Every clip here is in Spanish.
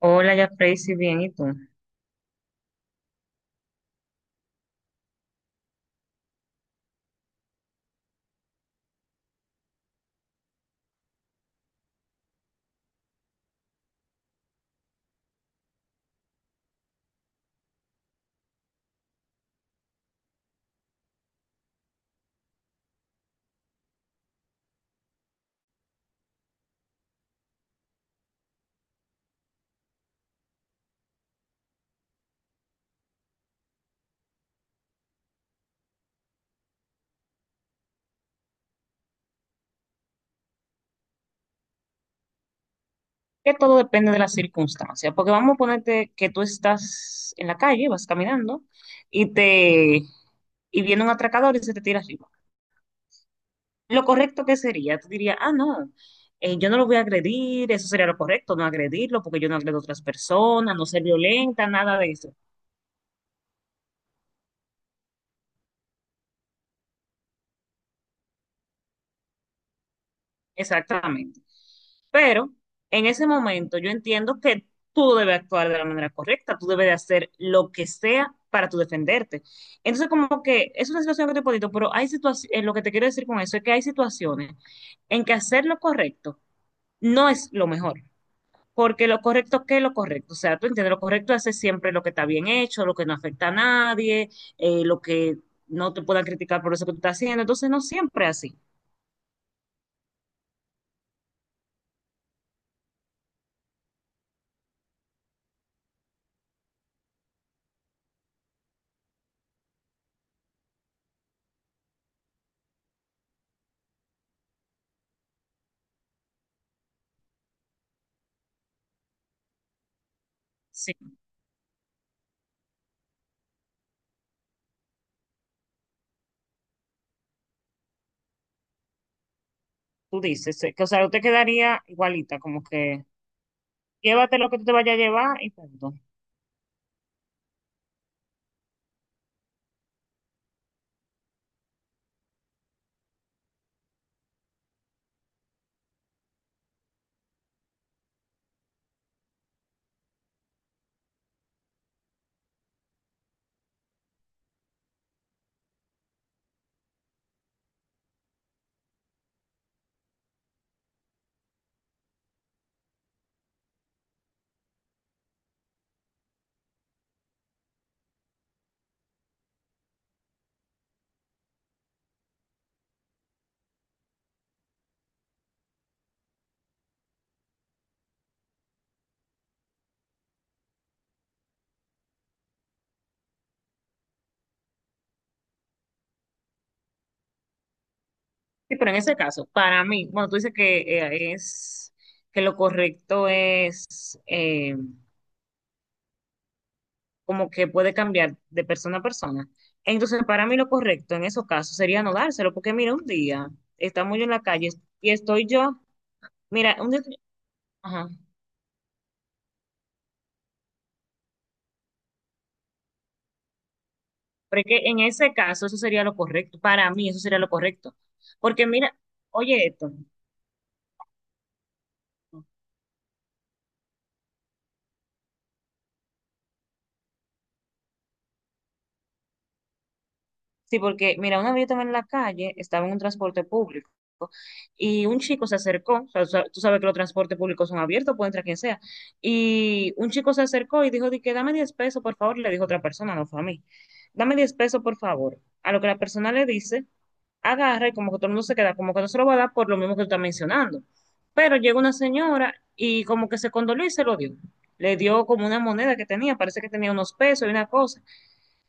Hola, ya Tracy, bien, ¿y tú? Que todo depende de la circunstancia, porque vamos a ponerte que tú estás en la calle, vas caminando y te y viene un atracador y se te tira arriba. Lo correcto que sería, tú dirías, ah, no, yo no lo voy a agredir, eso sería lo correcto, no agredirlo, porque yo no agredo a otras personas, no ser violenta, nada de eso. Exactamente. Pero en ese momento yo entiendo que tú debes actuar de la manera correcta, tú debes de hacer lo que sea para tú defenderte. Entonces, como que es una situación que te podito, pero hay situaciones, lo que te quiero decir con eso es que hay situaciones en que hacer lo correcto no es lo mejor. Porque lo correcto, ¿qué es lo correcto? O sea, tú entiendes, lo correcto es hacer siempre lo que está bien hecho, lo que no afecta a nadie, lo que no te puedan criticar por eso que tú estás haciendo. Entonces, no siempre es así. Sí, tú dices, sí, que, o sea, yo te quedaría igualita, como que llévate lo que tú te vayas a llevar y punto. Sí, pero en ese caso, para mí, bueno, tú dices que es que lo correcto es como que puede cambiar de persona a persona. Entonces, para mí lo correcto en esos casos sería no dárselo, porque mira, un día estamos yo en la calle y estoy yo, mira, un día, ajá, porque en ese caso eso sería lo correcto, para mí eso sería lo correcto. Porque mira, oye esto. Sí, porque mira, una vez yo estaba en la calle, estaba en un transporte público y un chico se acercó, o sea, tú sabes que los transportes públicos son abiertos, puede entrar quien sea, y un chico se acercó y dijo, di que dame 10 pesos, por favor, le dijo otra persona, no fue a mí, dame 10 pesos, por favor, a lo que la persona le dice, agarra y como que todo el mundo se queda, como que no se lo va a dar por lo mismo que tú estás mencionando, pero llega una señora y como que se condoló y se lo dio, le dio como una moneda que tenía, parece que tenía unos pesos y una cosa.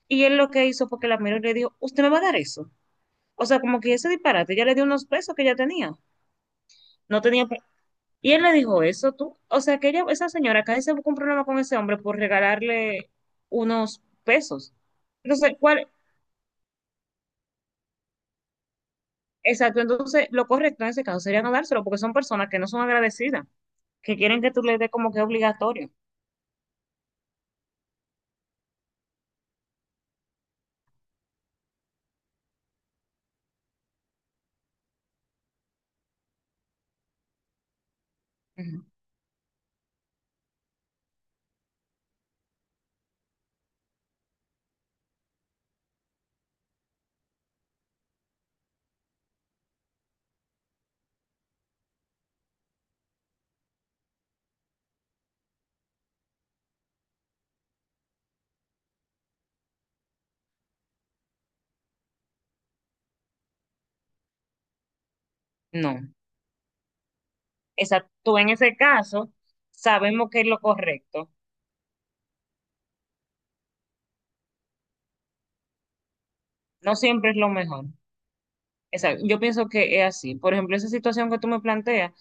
Y él lo que hizo fue que la miró y le dijo, ¿usted me va a dar eso? O sea, como que ese disparate, ella le dio unos pesos que ya tenía. No tenía. Y él le dijo eso, tú. O sea, que ella, esa señora acá se buscó un problema con ese hombre por regalarle unos pesos. Entonces, ¿cuál? Exacto, entonces lo correcto en ese caso sería no dárselo porque son personas que no son agradecidas, que quieren que tú le des como que obligatorio. Ujú. No. Exacto, tú en ese caso sabemos que es lo correcto. No siempre es lo mejor. Exacto, yo pienso que es así. Por ejemplo, esa situación que tú me planteas,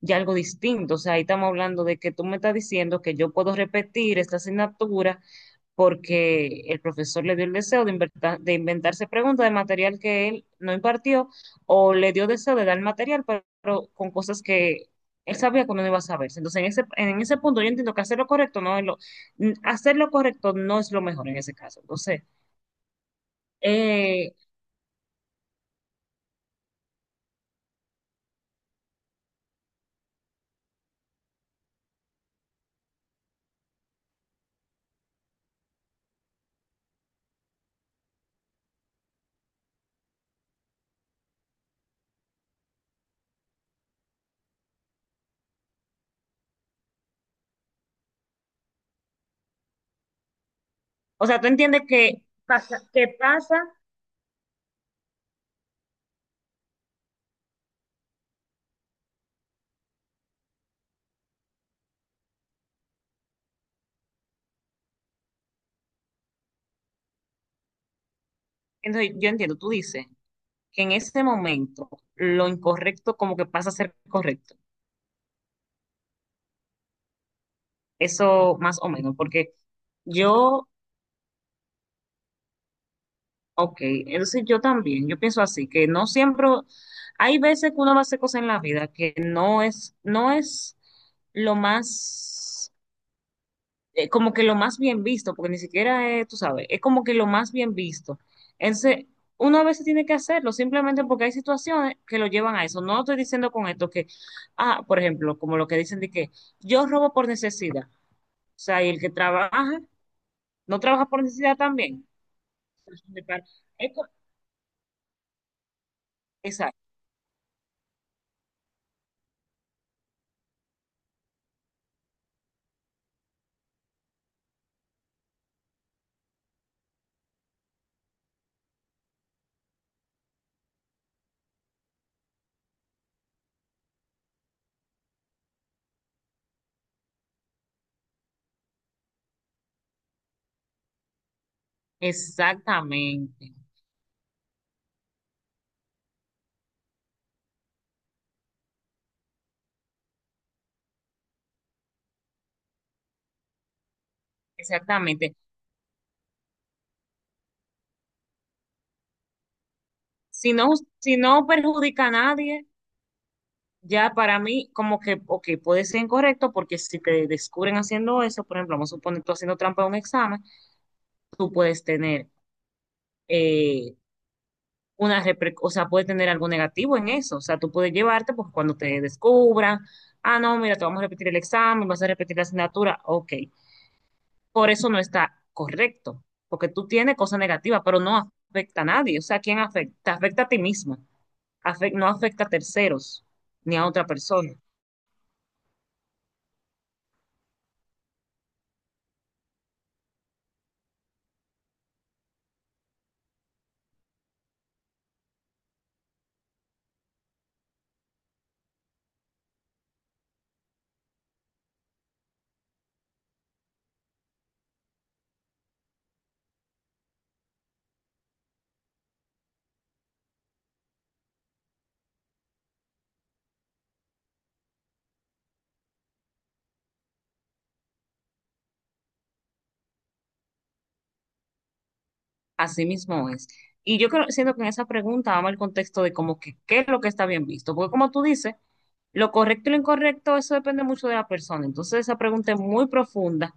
ya algo distinto. O sea, ahí estamos hablando de que tú me estás diciendo que yo puedo repetir esta asignatura porque el profesor le dio el deseo de, de inventarse preguntas de material que él no impartió o le dio deseo de dar material, pero con cosas que él sabía que no iba a saberse. Entonces, en ese punto yo entiendo que hacer lo correcto no es hacer lo correcto no es lo mejor en ese caso. Entonces, eh, o sea, tú entiendes que pasa. Entonces, yo entiendo, tú dices que en ese momento lo incorrecto como que pasa a ser correcto. Eso más o menos, porque yo, ok, entonces yo también, yo pienso así, que no siempre, hay veces que uno va a hacer cosas en la vida que no es lo más como que lo más bien visto, porque ni siquiera es, tú sabes, es como que lo más bien visto. Entonces, uno a veces tiene que hacerlo simplemente porque hay situaciones que lo llevan a eso. No estoy diciendo con esto que, ah, por ejemplo, como lo que dicen de que yo robo por necesidad. O sea, y el que trabaja, no trabaja por necesidad también. Es co- esa- Exactamente, exactamente. Si no, si no perjudica a nadie, ya para mí, como que, ok, puede ser incorrecto porque si te descubren haciendo eso, por ejemplo, vamos a suponer tú haciendo trampa en un examen, tú puedes tener eh, una o sea, puedes tener algo negativo en eso. O sea, tú puedes llevarte porque cuando te descubran, ah, no, mira, te vamos a repetir el examen, vas a repetir la asignatura, ok. Por eso no está correcto, porque tú tienes cosas negativas, pero no afecta a nadie. O sea, ¿quién afecta? Te afecta a ti mismo, no afecta a terceros ni a otra persona. Así mismo es. Y yo creo, siento que en esa pregunta vamos al contexto de como que qué es lo que está bien visto, porque como tú dices, lo correcto y lo incorrecto, eso depende mucho de la persona. Entonces esa pregunta es muy profunda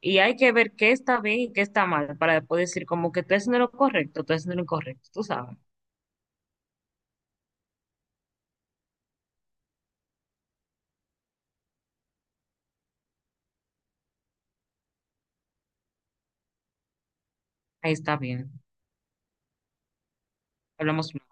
y hay que ver qué está bien y qué está mal para después decir como que tú estás haciendo lo correcto, tú estás haciendo lo incorrecto, tú sabes. Ahí está bien. Hablamos luego.